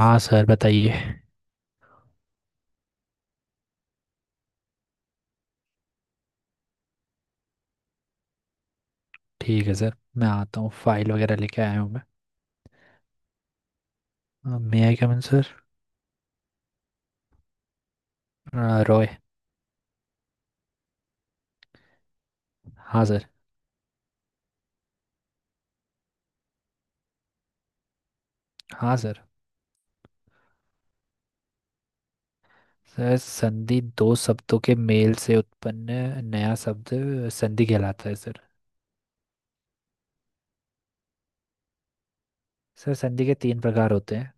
हाँ सर, बताइए। ठीक है सर, मैं आता हूँ। फाइल वगैरह लेके आया हूँ। मैं मे आई कम इन सर। रॉय। हाँ सर। हाँ सर। सर, संधि दो शब्दों के मेल से उत्पन्न नया शब्द संधि कहलाता है सर। सर, संधि के तीन प्रकार होते हैं।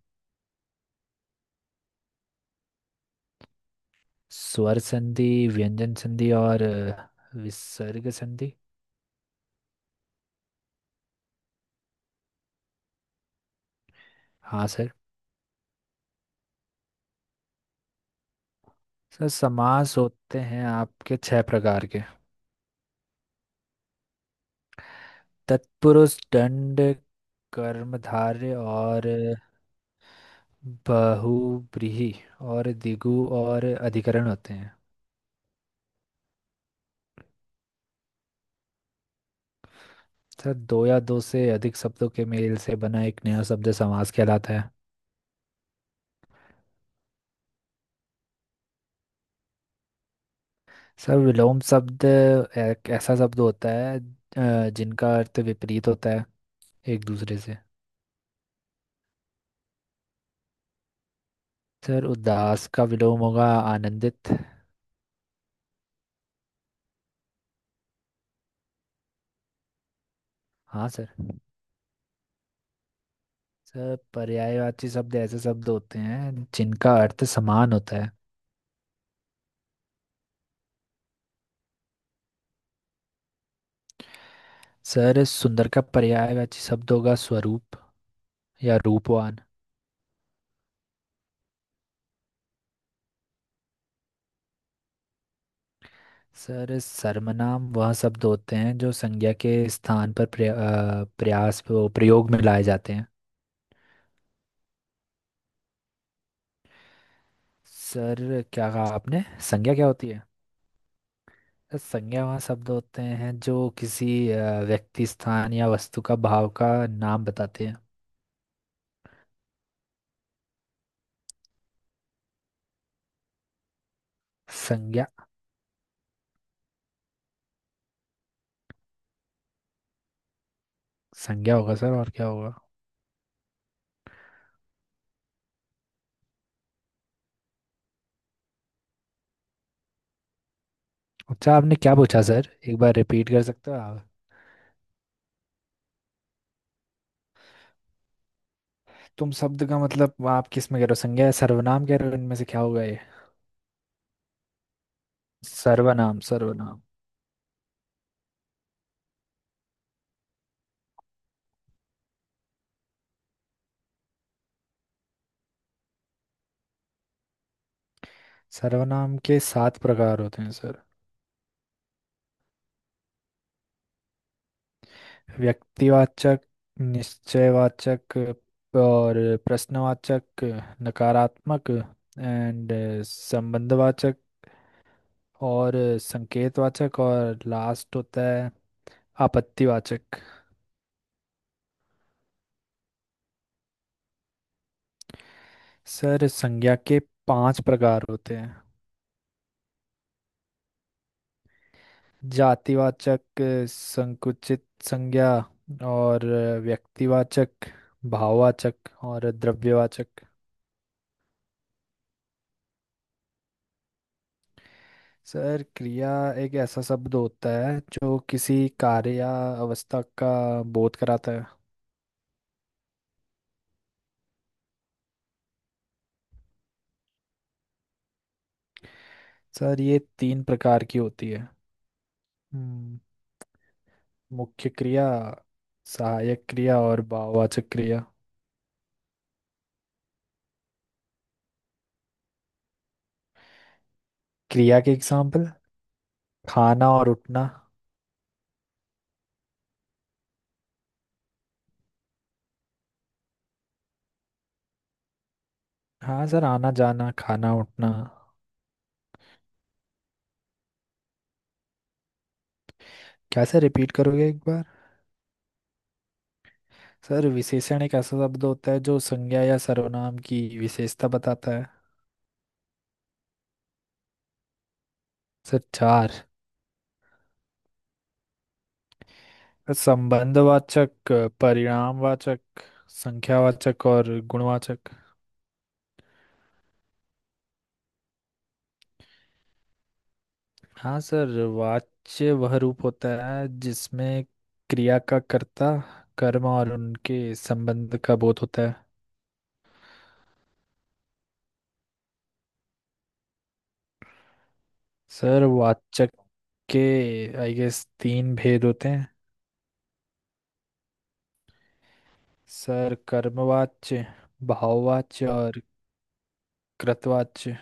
स्वर संधि, व्यंजन संधि और विसर्ग संधि। हाँ सर। सर, समास होते हैं आपके छह प्रकार के। तत्पुरुष, दंड, कर्मधारय और बहुव्रीहि और दिगु और अधिकरण होते हैं। सर, दो या दो से अधिक शब्दों के मेल से बना एक नया शब्द समास कहलाता है। सर, विलोम शब्द एक ऐसा शब्द होता है जिनका अर्थ विपरीत होता है एक दूसरे से। सर, उदास का विलोम होगा आनंदित। हाँ सर। सर, पर्यायवाची शब्द ऐसे शब्द होते हैं जिनका अर्थ समान होता है। सर, सुंदर का पर्यायवाची शब्द होगा स्वरूप या रूपवान। सर, सर्वनाम वह शब्द होते हैं जो संज्ञा के स्थान पर प्रया, अ, प्रयास वो प्रयोग में लाए जाते हैं। सर, क्या कहा आपने? संज्ञा क्या होती है? सर, संज्ञा वह शब्द होते हैं जो किसी व्यक्ति, स्थान या वस्तु का, भाव का नाम बताते हैं। संज्ञा। संज्ञा होगा सर, और क्या होगा? अच्छा, आपने क्या पूछा सर? एक बार रिपीट कर सकते हो आप? तुम शब्द का मतलब आप किस में कह रहे हो, संज्ञा या सर्वनाम कह रहे हो, इनमें से क्या होगा ये? सर्वनाम, सर्वनाम। सर्वनाम के सात प्रकार होते हैं सर। व्यक्तिवाचक, निश्चयवाचक और प्रश्नवाचक, नकारात्मक, एंड संबंधवाचक और संकेतवाचक, और लास्ट होता है आपत्तिवाचक। सर, संज्ञा के पांच प्रकार होते हैं। जातिवाचक, संकुचित संज्ञा और व्यक्तिवाचक, भाववाचक और द्रव्यवाचक। सर, क्रिया एक ऐसा शब्द होता है जो किसी कार्य या अवस्था का बोध कराता है। सर, ये तीन प्रकार की होती है। हम्म, मुख्य क्रिया, सहायक क्रिया और भाववाचक क्रिया। क्रिया के एग्जाम्पल, खाना और उठना। हाँ सर, आना, जाना, खाना, उठना। क्या सर, रिपीट करोगे एक बार? सर, विशेषण एक ऐसा शब्द होता है जो संज्ञा या सर्वनाम की विशेषता बताता है। सर, चार। संबंधवाचक, परिणामवाचक, संख्यावाचक और गुणवाचक। हाँ सर, वाच्य वह रूप होता है जिसमें क्रिया का कर्ता, कर्म और उनके संबंध का बोध होता है। सर, वाचक के आई गेस तीन भेद होते हैं। सर, कर्मवाच्य, भाववाच्य और कृतवाच्य।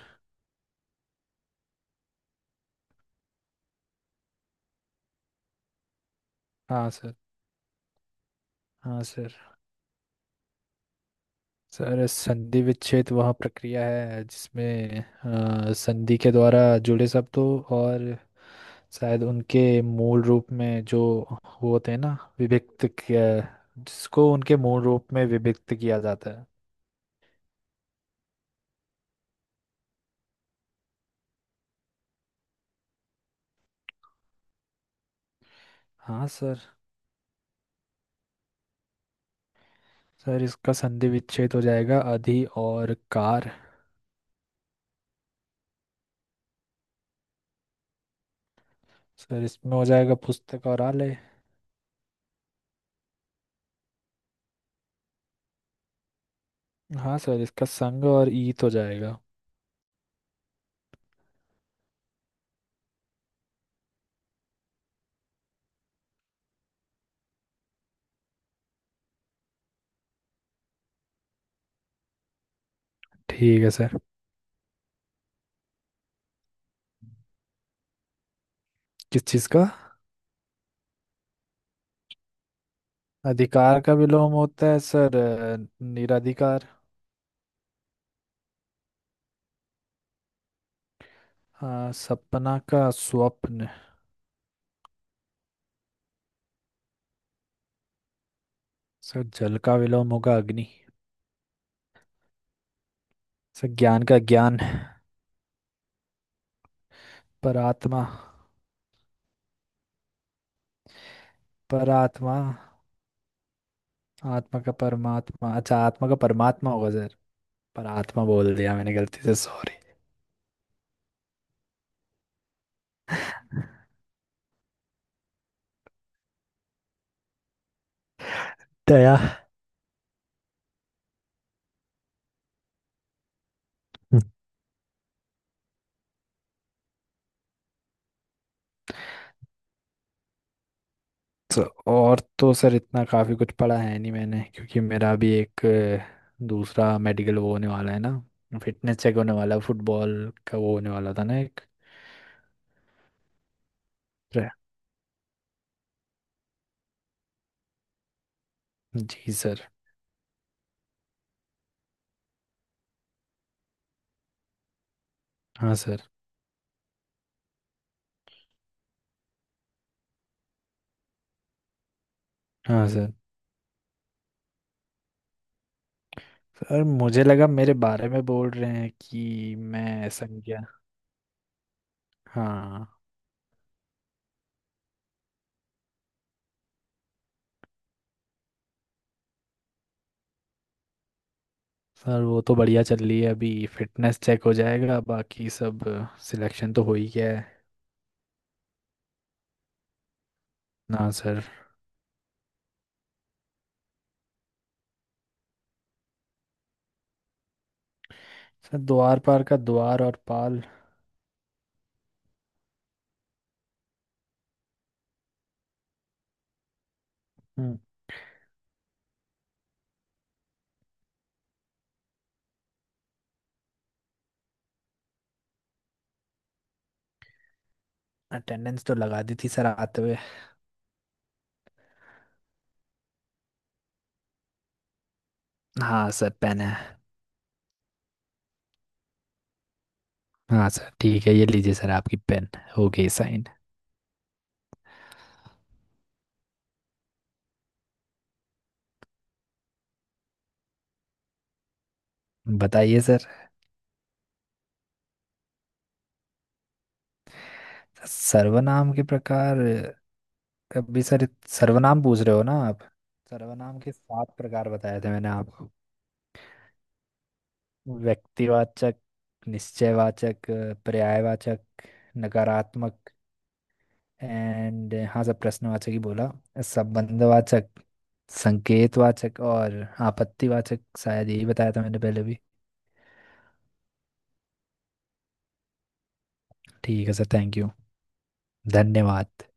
हाँ सर। हाँ सर, सर संधि विच्छेद वह प्रक्रिया है जिसमें संधि के द्वारा जुड़े शब्दों और शायद उनके मूल रूप में, जो वो होते हैं ना, विभक्त किया, जिसको उनके मूल रूप में विभक्त किया जाता है। हाँ सर। सर, इसका संधि विच्छेद हो जाएगा अधि और कार। सर, इसमें हो जाएगा पुस्तक और आलय। हाँ सर, इसका संग और ईत हो जाएगा। ठीक है सर। किस चीज़ का? अधिकार का विलोम होता है सर, निराधिकार। सपना का स्वप्न। सर, जल का विलोम होगा अग्नि। सर, ज्ञान का ज्ञान। पर आत्मा। पर आत्मा। आत्मा का परमात्मा, अच्छा आत्मा का परमात्मा होगा सर, पर आत्मा बोल दिया मैंने गलती से, सॉरी। दया। हम्म। तो, और तो सर इतना काफी कुछ पढ़ा है नहीं मैंने, क्योंकि मेरा भी एक दूसरा मेडिकल वो होने वाला है ना। फिटनेस चेक होने वाला है, फुटबॉल का वो होने वाला था ना एक। रे- जी सर। हाँ सर। हाँ सर, सर मुझे लगा मेरे बारे में बोल रहे हैं कि मैं संज्ञा। हाँ। सर, वो तो बढ़िया चल रही है अभी। फिटनेस चेक हो जाएगा, बाकी सब। सिलेक्शन तो हो ही गया है। ना सर। सर, द्वार पार का द्वार और पाल। हम्म। अटेंडेंस तो लगा दी थी सर आते हुए। हाँ सर, पेन है। हाँ सर, ठीक है, ये लीजिए सर आपकी पेन। हो गई साइन। बताइए सर। सर्वनाम के प्रकार? अभी सर, सर्वनाम पूछ रहे हो ना आप? सर्वनाम के सात प्रकार बताए थे मैंने आपको। व्यक्तिवाचक, निश्चयवाचक, पर्यायवाचक, नकारात्मक, एंड हाँ सब प्रश्नवाचक ही बोला। संबंधवाचक, संकेतवाचक और आपत्तिवाचक, शायद यही बताया था मैंने पहले भी। ठीक है सर, थैंक यू। धन्यवाद।